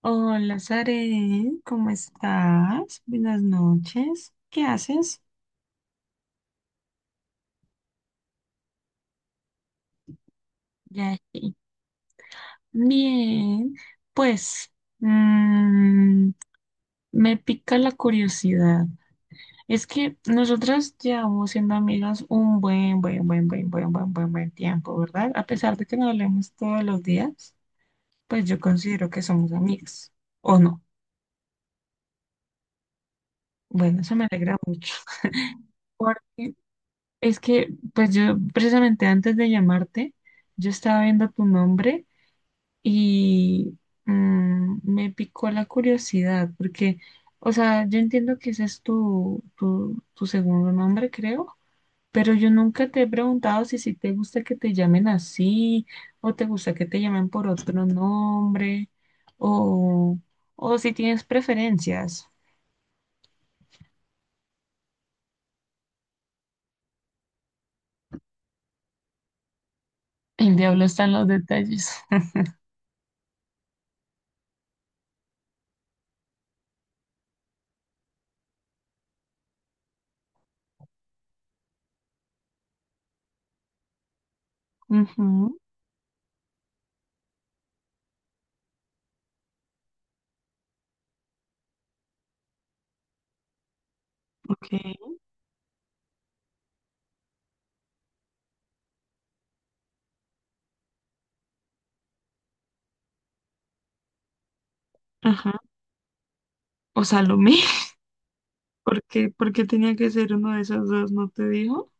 Hola, Sare, ¿cómo estás? Buenas noches. ¿Qué haces? Ya sí. Bien, pues mm, me pica la curiosidad. Es que nosotras llevamos siendo amigas un buen tiempo, ¿verdad? A pesar de que nos hablemos todos los días, pues yo considero que somos amigas, ¿o no? Bueno, eso me alegra mucho. Porque es que, pues yo precisamente antes de llamarte, yo estaba viendo tu nombre y me picó la curiosidad, porque, o sea, yo entiendo que ese es tu segundo nombre, creo, pero yo nunca te he preguntado si te gusta que te llamen así, o te gusta que te llamen por otro nombre, o, o si tienes preferencias. El diablo está en los detalles. Ujú. Ok, ajá. O Salomé. Por qué tenía que ser uno de esos dos? ¿No te dijo?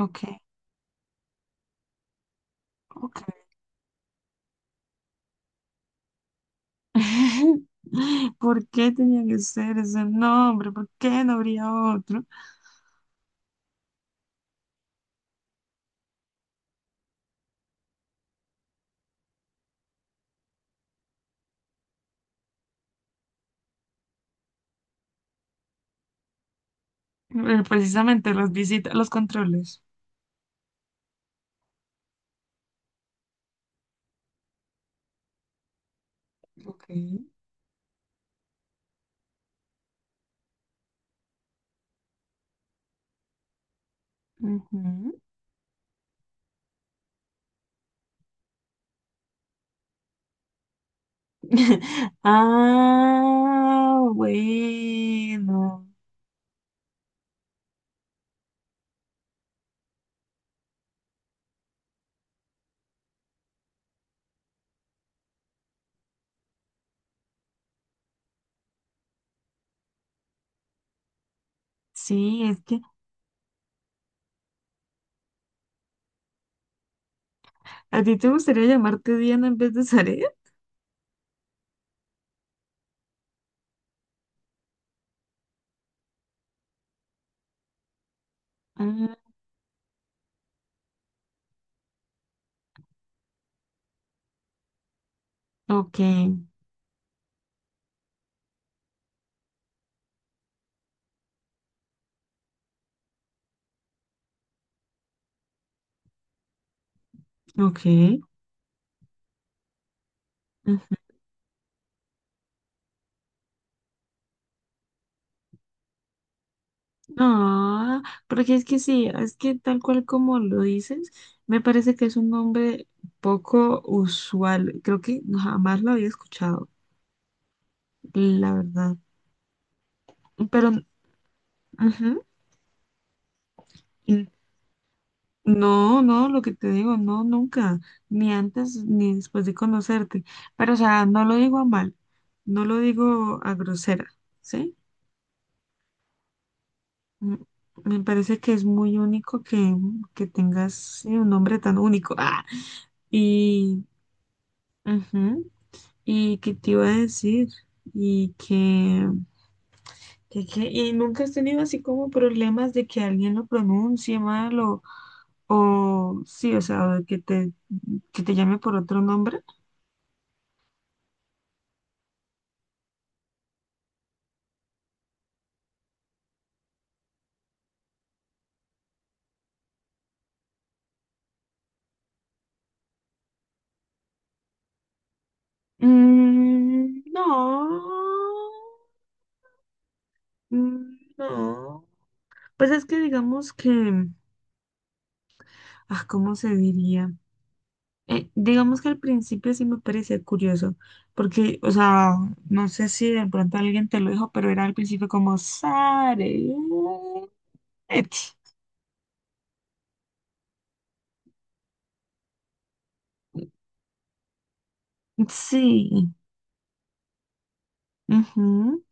Ok, ok. ¿Por qué tenía que ser ese nombre? ¿Por qué no habría otro? Precisamente las visitas, los controles. Ok. Ujú. Ah, bueno. Sí, es que a ti te gustaría llamarte Diana en vez de Zaret. Ah, ok, ok. No, porque es que sí, es que tal cual como lo dices, me parece que es un nombre poco usual. Creo que jamás lo había escuchado, la verdad. Pero, ujú, y no, no, lo que te digo, no, nunca, ni antes ni después de conocerte. Pero, o sea, no lo digo a mal, no lo digo a grosera, ¿sí? Mm, me parece que es muy único que tengas sí, un nombre tan único. Ah, y. Ujú. Y que te iba a decir, y que, y nunca has tenido así como problemas de que alguien lo pronuncie mal o sí, o sea, o que te llame por otro nombre. Mm, no. Mm, no. Pues es que digamos que, ah, ¿cómo se diría? Digamos que al principio sí me parecía curioso, porque, o sea, no sé si de pronto alguien te lo dijo, pero era al principio como Sare. Ech, Sí. Ujú,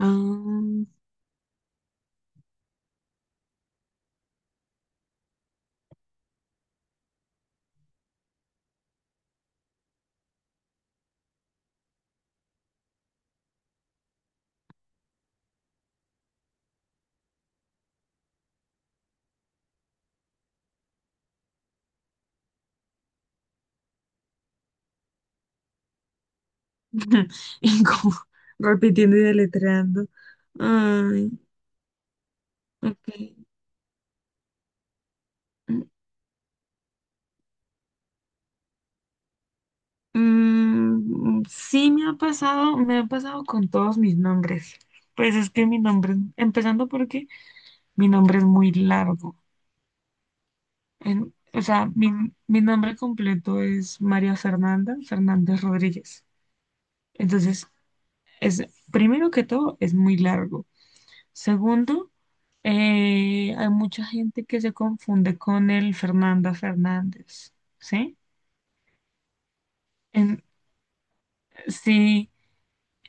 am, y como repitiendo y deletreando. Ay, ok. Mm, sí me ha pasado con todos mis nombres. Pues es que mi nombre, empezando porque mi nombre es muy largo. O sea, mi nombre completo es María Fernanda Fernández Rodríguez. Entonces, es, primero que todo, es muy largo. Segundo, hay mucha gente que se confunde con el Fernanda Fernández, ¿sí? En- sí,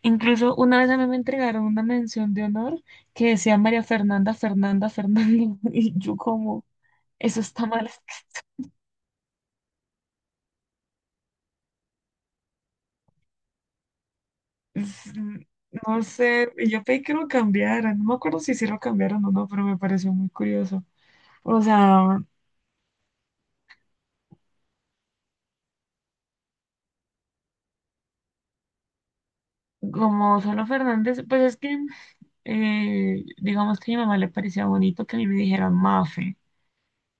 incluso una vez a mí me entregaron una mención de honor que decía María Fernanda Fernanda Fernanda y yo como, eso está mal. Es- No sé, y yo pedí que lo cambiaran, no me acuerdo si sí lo cambiaron o no, pero me pareció muy curioso. O sea, como solo Fernández, pues es que, digamos que a mi mamá le parecía bonito que a mí me dijeran Mafe.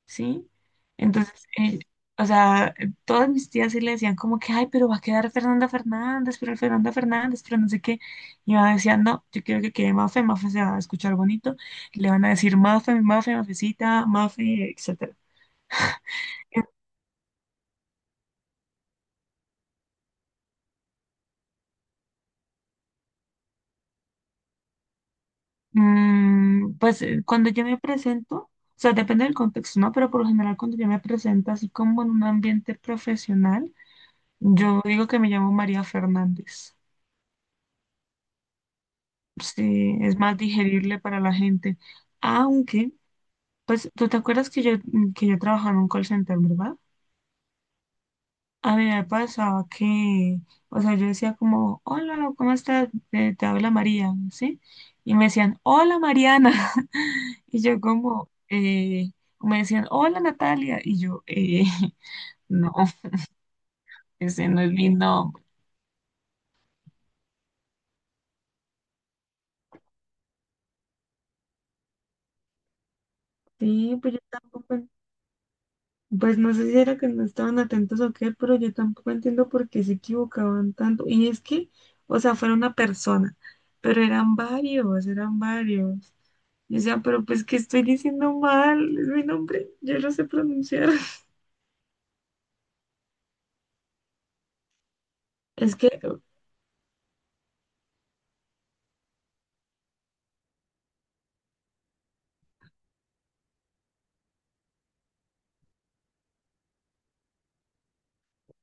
¿Sí? Entonces, o sea, todas mis tías sí le decían como que, ay, pero va a quedar Fernanda Fernández, pero no sé qué. Y yo decía, no, yo quiero que quede Mafe, Mafe se va a escuchar bonito, le van a decir Mafe, Mafe, Mafecita, Mafe, etcétera. Eh, Mm, pues cuando yo me presento, o sea, depende del contexto, ¿no? Pero por lo general cuando yo me presento así como en un ambiente profesional, yo digo que me llamo María Fernández. Sí, es más digerible para la gente. Aunque, pues, ¿tú te acuerdas que que yo trabajaba en un call center, ¿verdad? A mí me pasaba que, o sea, yo decía como, hola, ¿cómo estás? Te habla María, ¿sí? Y me decían, hola Mariana. Y yo como, me decían, hola Natalia. Y yo, no, ese no es mi nombre. Sí, pues yo tampoco. Pues no sé si era que no estaban atentos o qué, pero yo tampoco entiendo por qué se equivocaban tanto. Y es que, o sea, fuera una persona, pero eran varios, eran varios. Y o sea, pero pues que estoy diciendo mal, es mi nombre, yo lo sé pronunciar. Es que,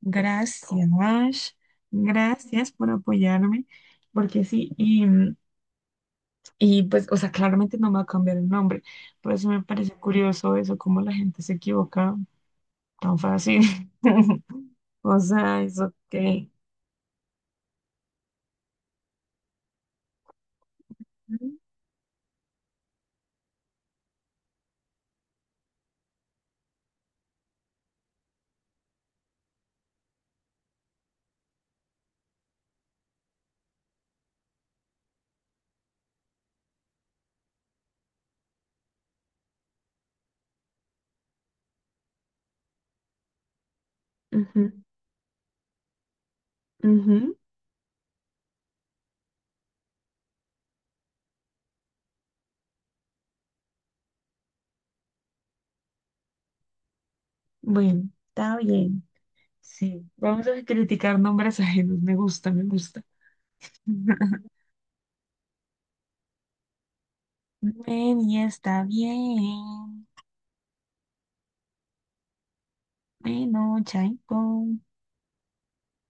gracias, ash, gracias por apoyarme, porque sí, y pues, o sea, claramente no me va a cambiar el nombre, por eso me parece curioso eso, cómo la gente se equivoca tan fácil. O sea, eso qué. Ujú, ujú. Bueno, está bien. Sí, vamos a criticar nombres ajenos. Me gusta, me gusta. Bueno, ya está bien. Bueno, chaito.